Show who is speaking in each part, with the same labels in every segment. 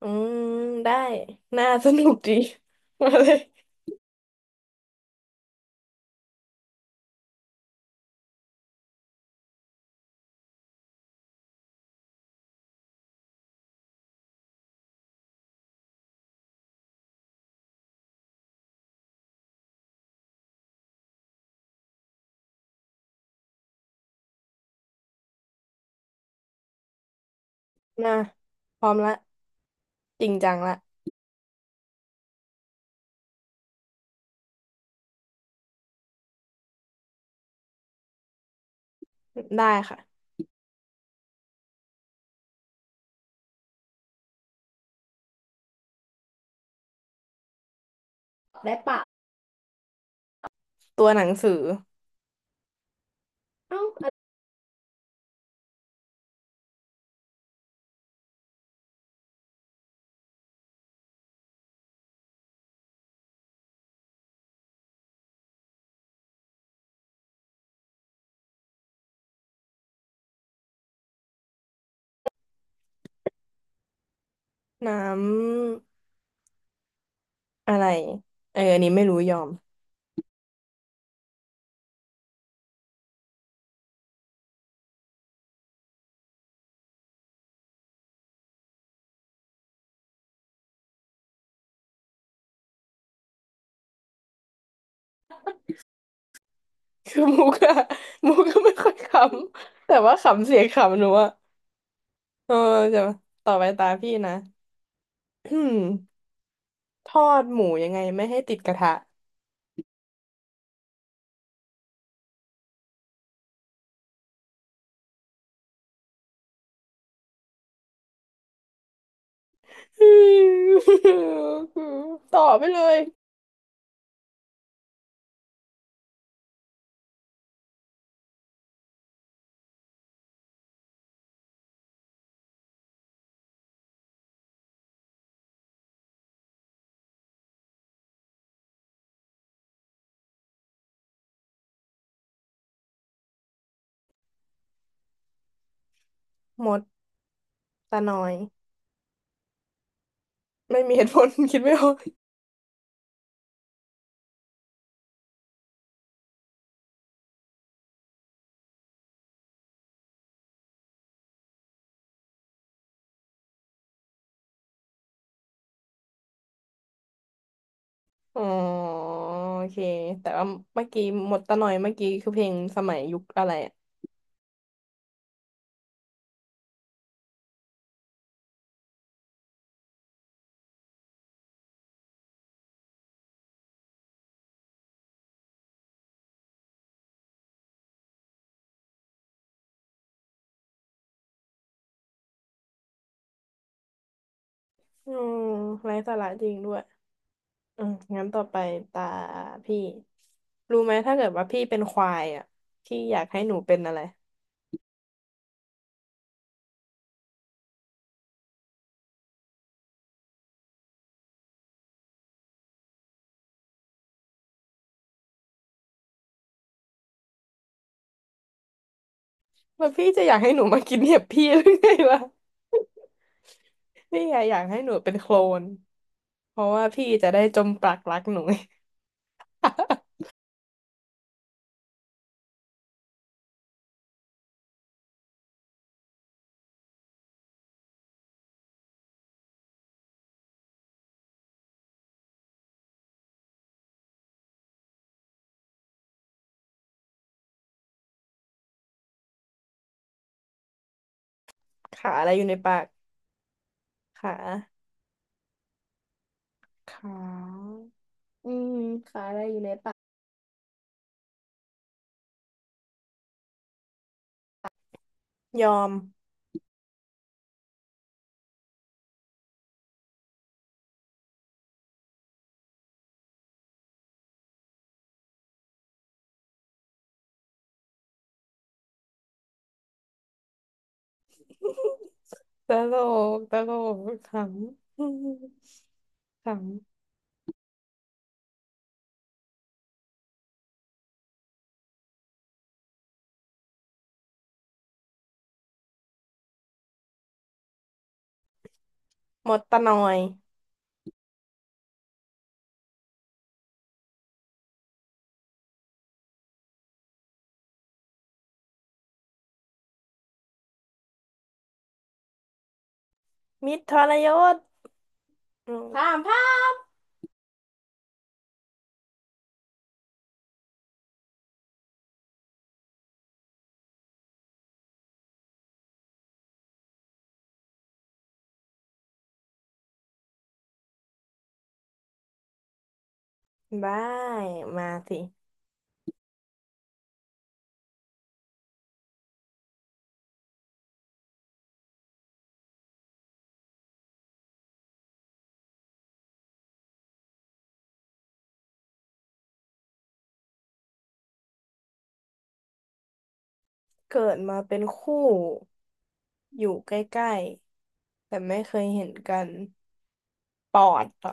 Speaker 1: อืมได้น่าสนุกดี มาเลยน่าพร้อมละจริงจังละได้ค่ะได้ปะตัวหนังสือเอ้าอะน้ำอะไรเอออันนี้ไม่รู้ยอม คือมุกอะ มุกก็ไม่ค่อยขำแต่ว่าขำเสียงขำหนูอะเออจะต่อไปตาพี่นะอืมทอดหมูยังไงไม่ให้ติดกระทะ อืมต่อไปเลยมดตาน้อยไม่มีเหตุผล คิดไม่ออกอ๋อโอเคแต่ว่าเมื่อกี้หมดตาน่อยเมื่อกี้คือเพลงสมัยยุคอะไรอะอืมไร้สาระจริงด้วย อืมงั้นต่อไปตาพี่รู้ไหมถ้าเกิดว่าพี่เป็นควายอ่ะพี่อยากให้หนูเป็นอะไรว่าพี่จะอยากให้หนูมากินเห็บพี่หรือไงวะพี่อะอยากให้หนูเป็นโคลนเพราะว่าพี่จะได้จมปลักรักหนูไงขาอะไรอยู่ในปากขาขาอืมขาอะไรอยู่ในปากยอมตลกตลกขำ ขำหมดตะหน่อยมิตรทรยศอืมพามพามได้มาสิ เกิดมาเป็นคู่อยู่ใกล้ๆแต่ไม่เคยเห็นกันปอดเหรอ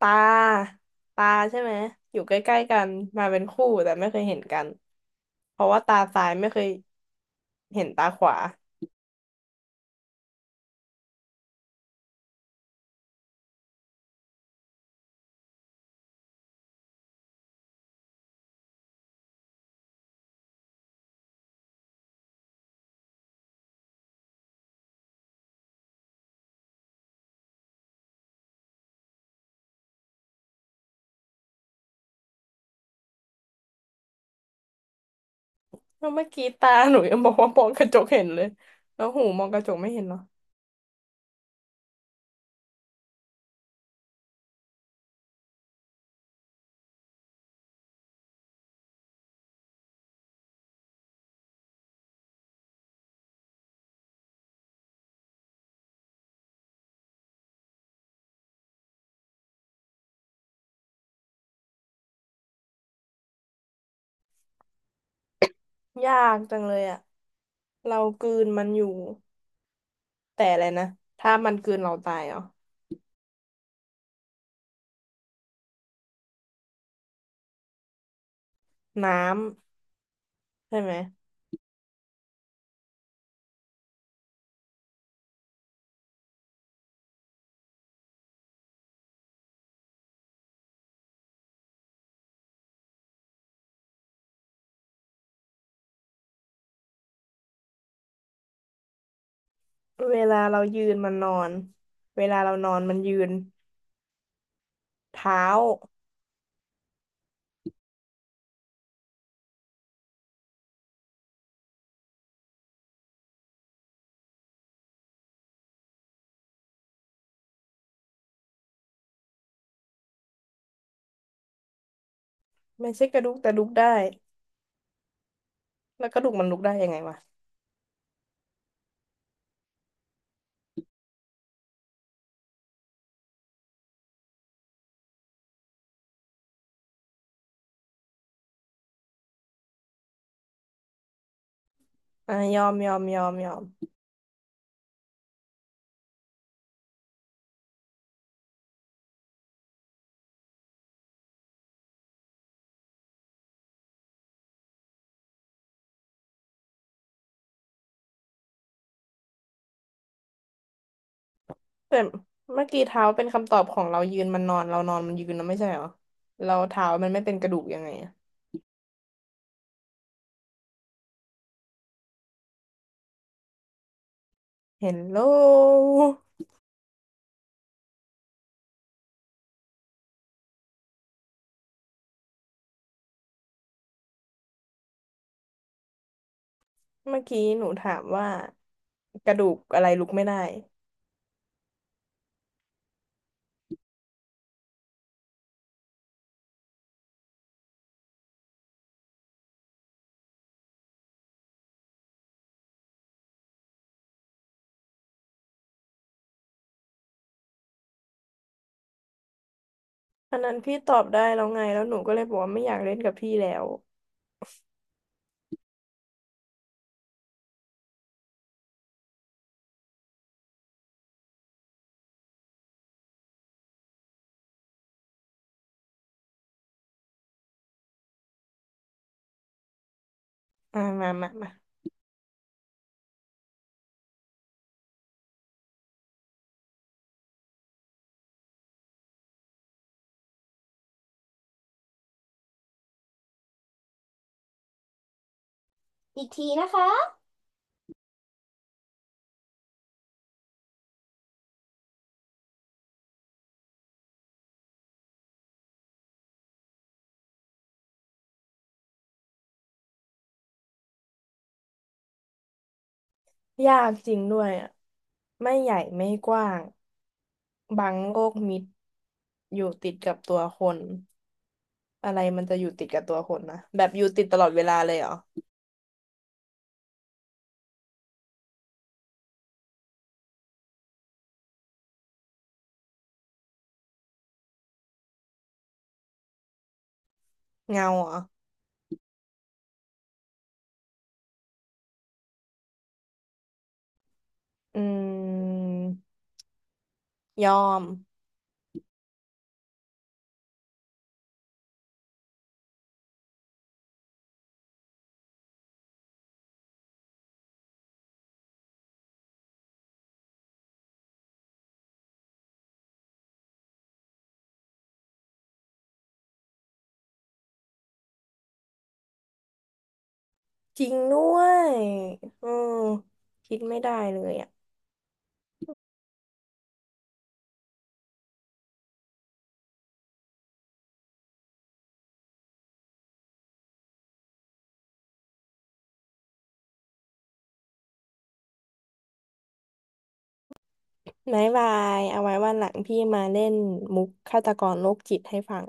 Speaker 1: ตาตาใช่ไหมอยู่ใกล้ๆกันมาเป็นคู่แต่ไม่เคยเห็นกันเพราะว่าตาซ้ายไม่เคยเห็นตาขวาแล้วเมื่อกี้ตาหนูยังบอกว่ามองกระจกเห็นเลยแล้วหูมองกระจกไม่เห็นเหรอยากจังเลยอะเรากลืนมันอยู่แต่อะไรนะถ้ามันกลืนเราตายเหรอน้ำใช่ไหมเวลาเรายืนมันนอนเวลาเรานอนมันยืน เท้าไม่ใช่กระดูกแต่ลุกได้แล้วกระดูกมันลุกได้ยังไงวะอ่ะยอมยอมยอมยอมแต่เมื่อกี้เท้าเป็นคำตอบของเรายืนมันนอนเรานอนมันยืนนะไม่ใช่เหรอเราเท้ามันไม่เป็นกระดูกยังไงอะเห็นโลเมื่อกี้หนูถามว่ากระดูกอะไรลุกไม่ได้อันนั้นพี่ตอบได้แล้วไงแล้วหนูก็เลยบอกว่าไม่อยากเล่นกับพี่แล้วอ่ามามามาอีกทีนะคะยากจริงด้วยอ่ะไม่ใหญ่ไม่กว้าง บางโลกมิดอยู่ติดกับตัวคนอะไรมันจะอยู่ติดกับตัวคนนะแบบอยู่ติดตลอดเวลาเลยเหรอเงาเหรออืมยอมจริงด้วยอืมคิดไม่ได้เลยอ่ะบายบายเอาไว้วันหลังพี่มาเล่นมุกฆาตกรโรคจิตให้ฟัง